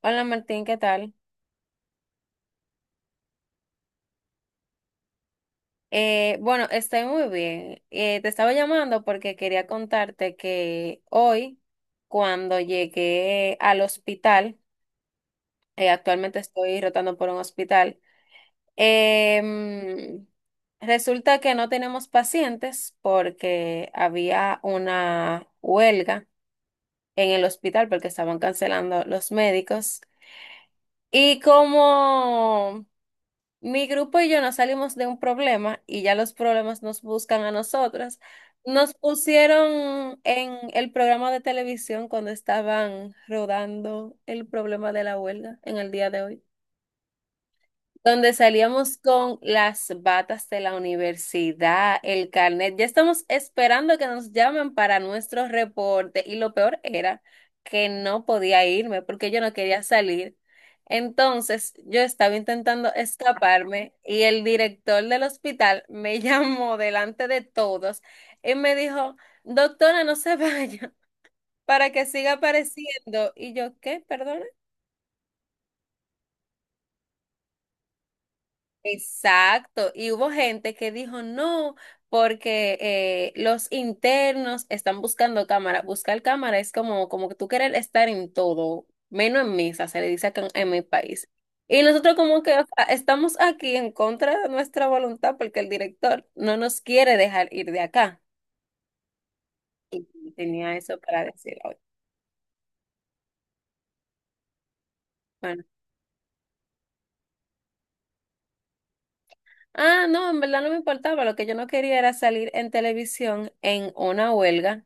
Hola Martín, ¿qué tal? Bueno, Estoy muy bien. Te estaba llamando porque quería contarte que hoy, cuando llegué al hospital, actualmente estoy rotando por un hospital. em, Resulta que no tenemos pacientes porque había una huelga en el hospital porque estaban cancelando los médicos. Y como mi grupo y yo nos salimos de un problema, y ya los problemas nos buscan a nosotras. Nos pusieron en el programa de televisión cuando estaban rodando el problema de la huelga en el día de hoy, donde salíamos con las batas de la universidad, el carnet. Ya estamos esperando que nos llamen para nuestro reporte, y lo peor era que no podía irme porque yo no quería salir. Entonces yo estaba intentando escaparme y el director del hospital me llamó delante de todos y me dijo, doctora, no se vaya, para que siga apareciendo. Y yo, ¿qué? Perdón. Exacto, y hubo gente que dijo no, porque los internos están buscando cámara. Buscar cámara es como, como que tú quieres estar en todo, menos en misa, se le dice acá en mi país. Y nosotros como que ah, estamos aquí en contra de nuestra voluntad porque el director no nos quiere dejar ir de acá. Y tenía eso para decir hoy. Bueno, ah, no, en verdad no me importaba, lo que yo no quería era salir en televisión en una huelga,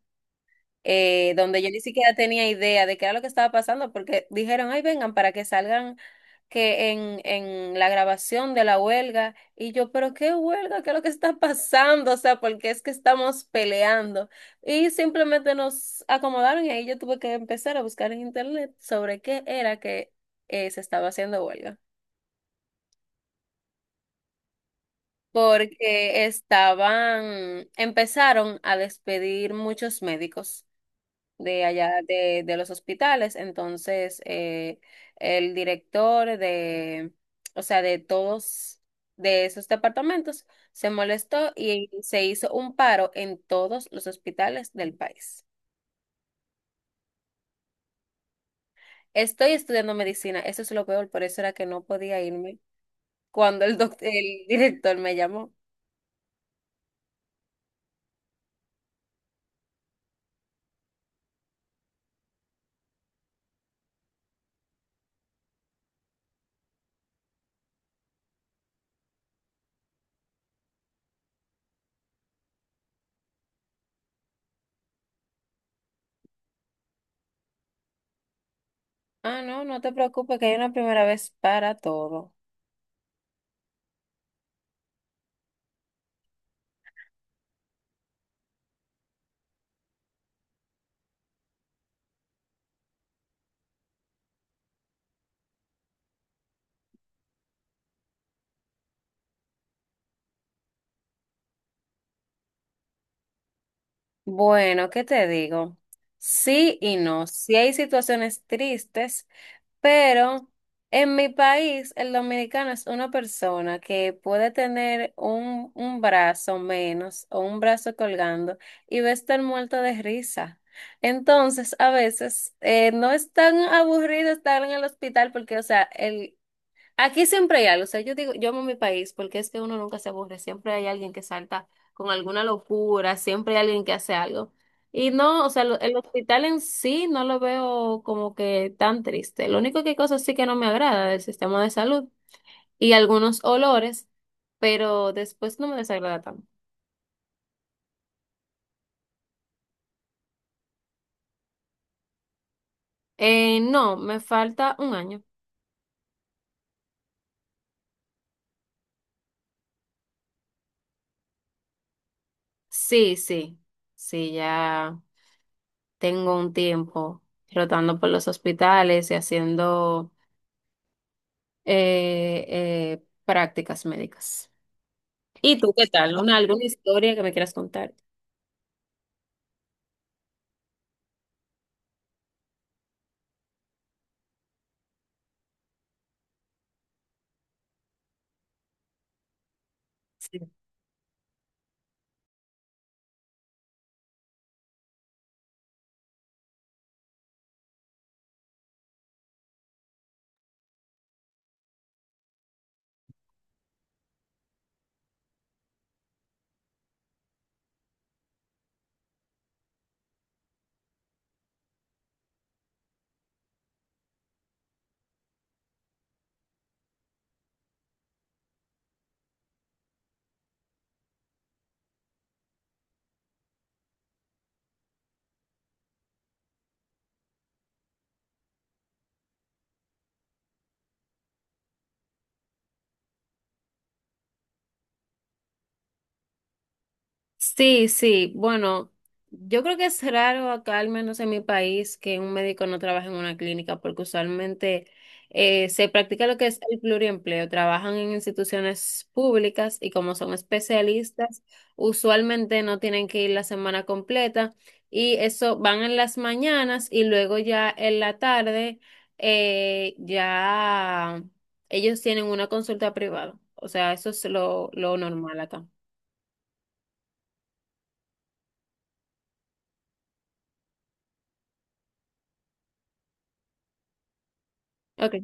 donde yo ni siquiera tenía idea de qué era lo que estaba pasando, porque dijeron, ay, vengan para que salgan en la grabación de la huelga, y yo, pero qué huelga, qué es lo que está pasando, o sea, porque es que estamos peleando. Y simplemente nos acomodaron y ahí yo tuve que empezar a buscar en internet sobre qué era que se estaba haciendo huelga. Porque estaban, empezaron a despedir muchos médicos de los hospitales. Entonces, el director de, o sea, de todos de esos departamentos se molestó y se hizo un paro en todos los hospitales del país. Estoy estudiando medicina, eso es lo peor, por eso era que no podía irme cuando el el director me llamó. Ah, no, no te preocupes, que hay una primera vez para todo. Bueno, ¿qué te digo? Sí y no. Sí hay situaciones tristes, pero en mi país, el dominicano es una persona que puede tener un brazo menos o un brazo colgando, y va a estar muerto de risa. Entonces, a veces no es tan aburrido estar en el hospital porque, o sea, el, aquí siempre hay algo, o sea, yo digo, yo amo mi país porque es que uno nunca se aburre, siempre hay alguien que salta con alguna locura, siempre hay alguien que hace algo. Y no, o sea, el hospital en sí no lo veo como que tan triste. Lo único que hay cosas sí que no me agrada del sistema de salud y algunos olores, pero después no me desagrada tanto. No, me falta 1 año. Sí, sí, sí, ya tengo un tiempo rotando por los hospitales y haciendo prácticas médicas. ¿Y tú qué tal? ¿Una, alguna historia que me quieras contar? Sí, sí, bueno, yo creo que es raro acá, al menos en mi país, que un médico no trabaje en una clínica, porque usualmente se practica lo que es el pluriempleo, trabajan en instituciones públicas y como son especialistas, usualmente no tienen que ir la semana completa y eso, van en las mañanas y luego ya en la tarde ya ellos tienen una consulta privada, o sea, eso es lo normal acá. Ok,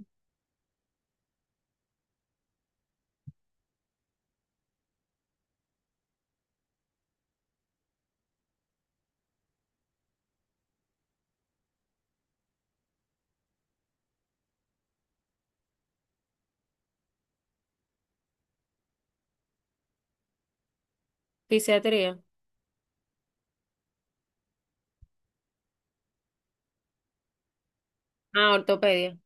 fisiatría. Ah, ortopedia.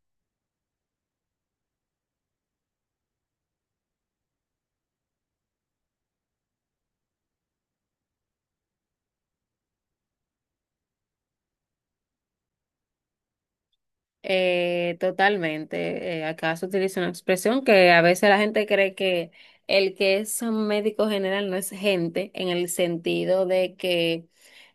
Totalmente. Acá se utiliza una expresión que a veces la gente cree que el que es un médico general no es gente, en el sentido de que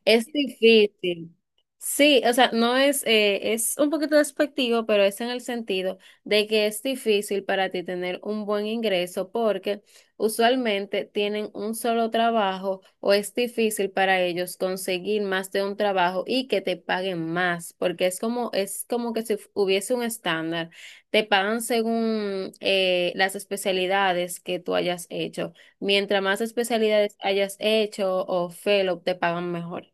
es difícil. Sí, o sea, no es, es un poquito despectivo, pero es en el sentido de que es difícil para ti tener un buen ingreso porque usualmente tienen un solo trabajo o es difícil para ellos conseguir más de un trabajo y que te paguen más, porque es como que si hubiese un estándar. Te pagan según las especialidades que tú hayas hecho. Mientras más especialidades hayas hecho o fellow, te pagan mejor.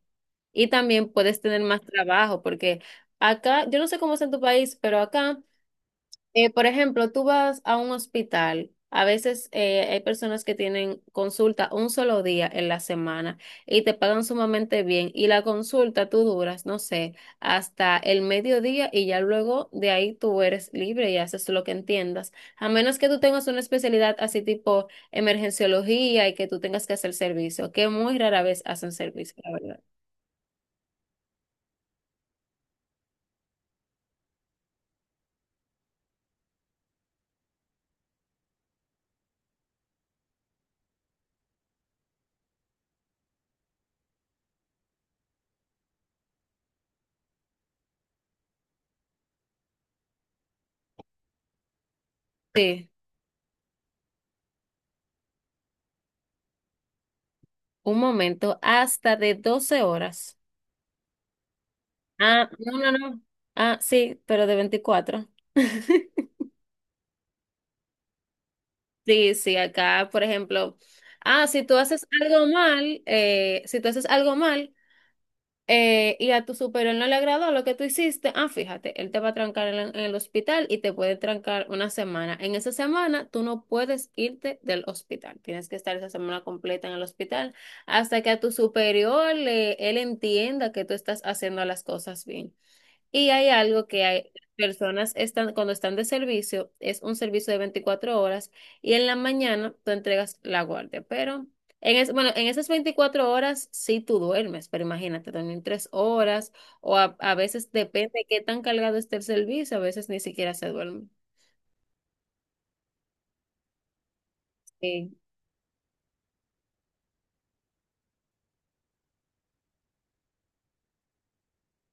Y también puedes tener más trabajo, porque acá, yo no sé cómo es en tu país, pero acá... Por ejemplo, tú vas a un hospital. A veces hay personas que tienen consulta un solo día en la semana y te pagan sumamente bien. Y la consulta tú duras, no sé, hasta el mediodía y ya luego de ahí tú eres libre y haces lo que entiendas. A menos que tú tengas una especialidad así tipo emergenciología y que tú tengas que hacer servicio, que muy rara vez hacen servicio, la verdad. Sí, un momento, hasta de 12 horas. Ah, no, no, no. Ah, sí, pero de 24. Sí, sí, acá, por ejemplo, ah, si tú haces algo mal, si tú haces algo mal y a tu superior no le agradó lo que tú hiciste, ah, fíjate, él te va a trancar en el hospital y te puede trancar 1 semana. En esa semana tú no puedes irte del hospital, tienes que estar esa semana completa en el hospital hasta que a tu superior él entienda que tú estás haciendo las cosas bien. Y hay algo que hay, las personas están, cuando están de servicio, es un servicio de 24 horas y en la mañana tú entregas la guardia. Pero bueno, en esas 24 horas sí tú duermes, pero imagínate, dormir 3 horas o a veces depende de qué tan cargado esté el servicio, a veces ni siquiera se duerme. Sí.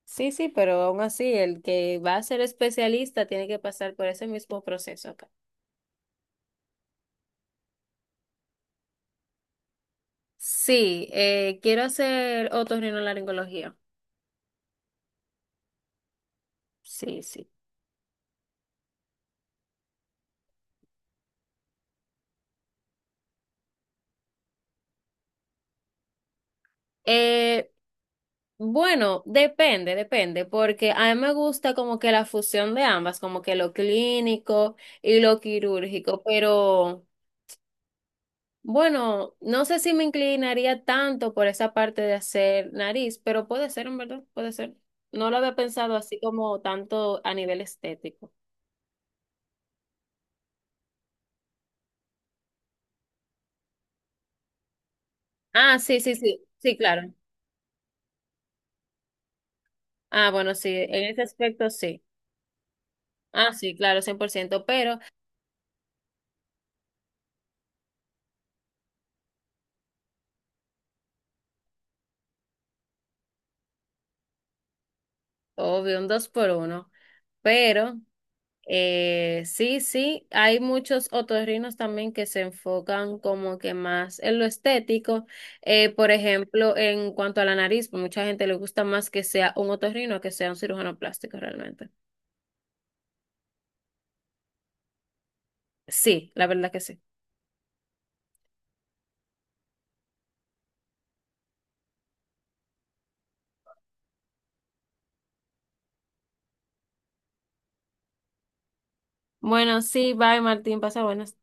Sí, sí, pero aún así, el que va a ser especialista tiene que pasar por ese mismo proceso acá. Sí, quiero hacer otorrinolaringología. Sí, sí. Eh, bueno, depende, depende, porque a mí me gusta como que la fusión de ambas, como que lo clínico y lo quirúrgico, pero bueno, no sé si me inclinaría tanto por esa parte de hacer nariz, pero puede ser, en verdad, puede ser. No lo había pensado así como tanto a nivel estético. Ah, sí, sí, sí, sí, claro. Ah, bueno, sí, en ese aspecto sí. Ah, sí, claro, 100%, pero obvio, un 2x1. Pero sí, sí, hay muchos otorrinos también que se enfocan como que más en lo estético. Por ejemplo, en cuanto a la nariz, mucha gente le gusta más que sea un otorrino que sea un cirujano plástico realmente. Sí, la verdad que sí. Bueno, sí, bye Martín, pasa buenas.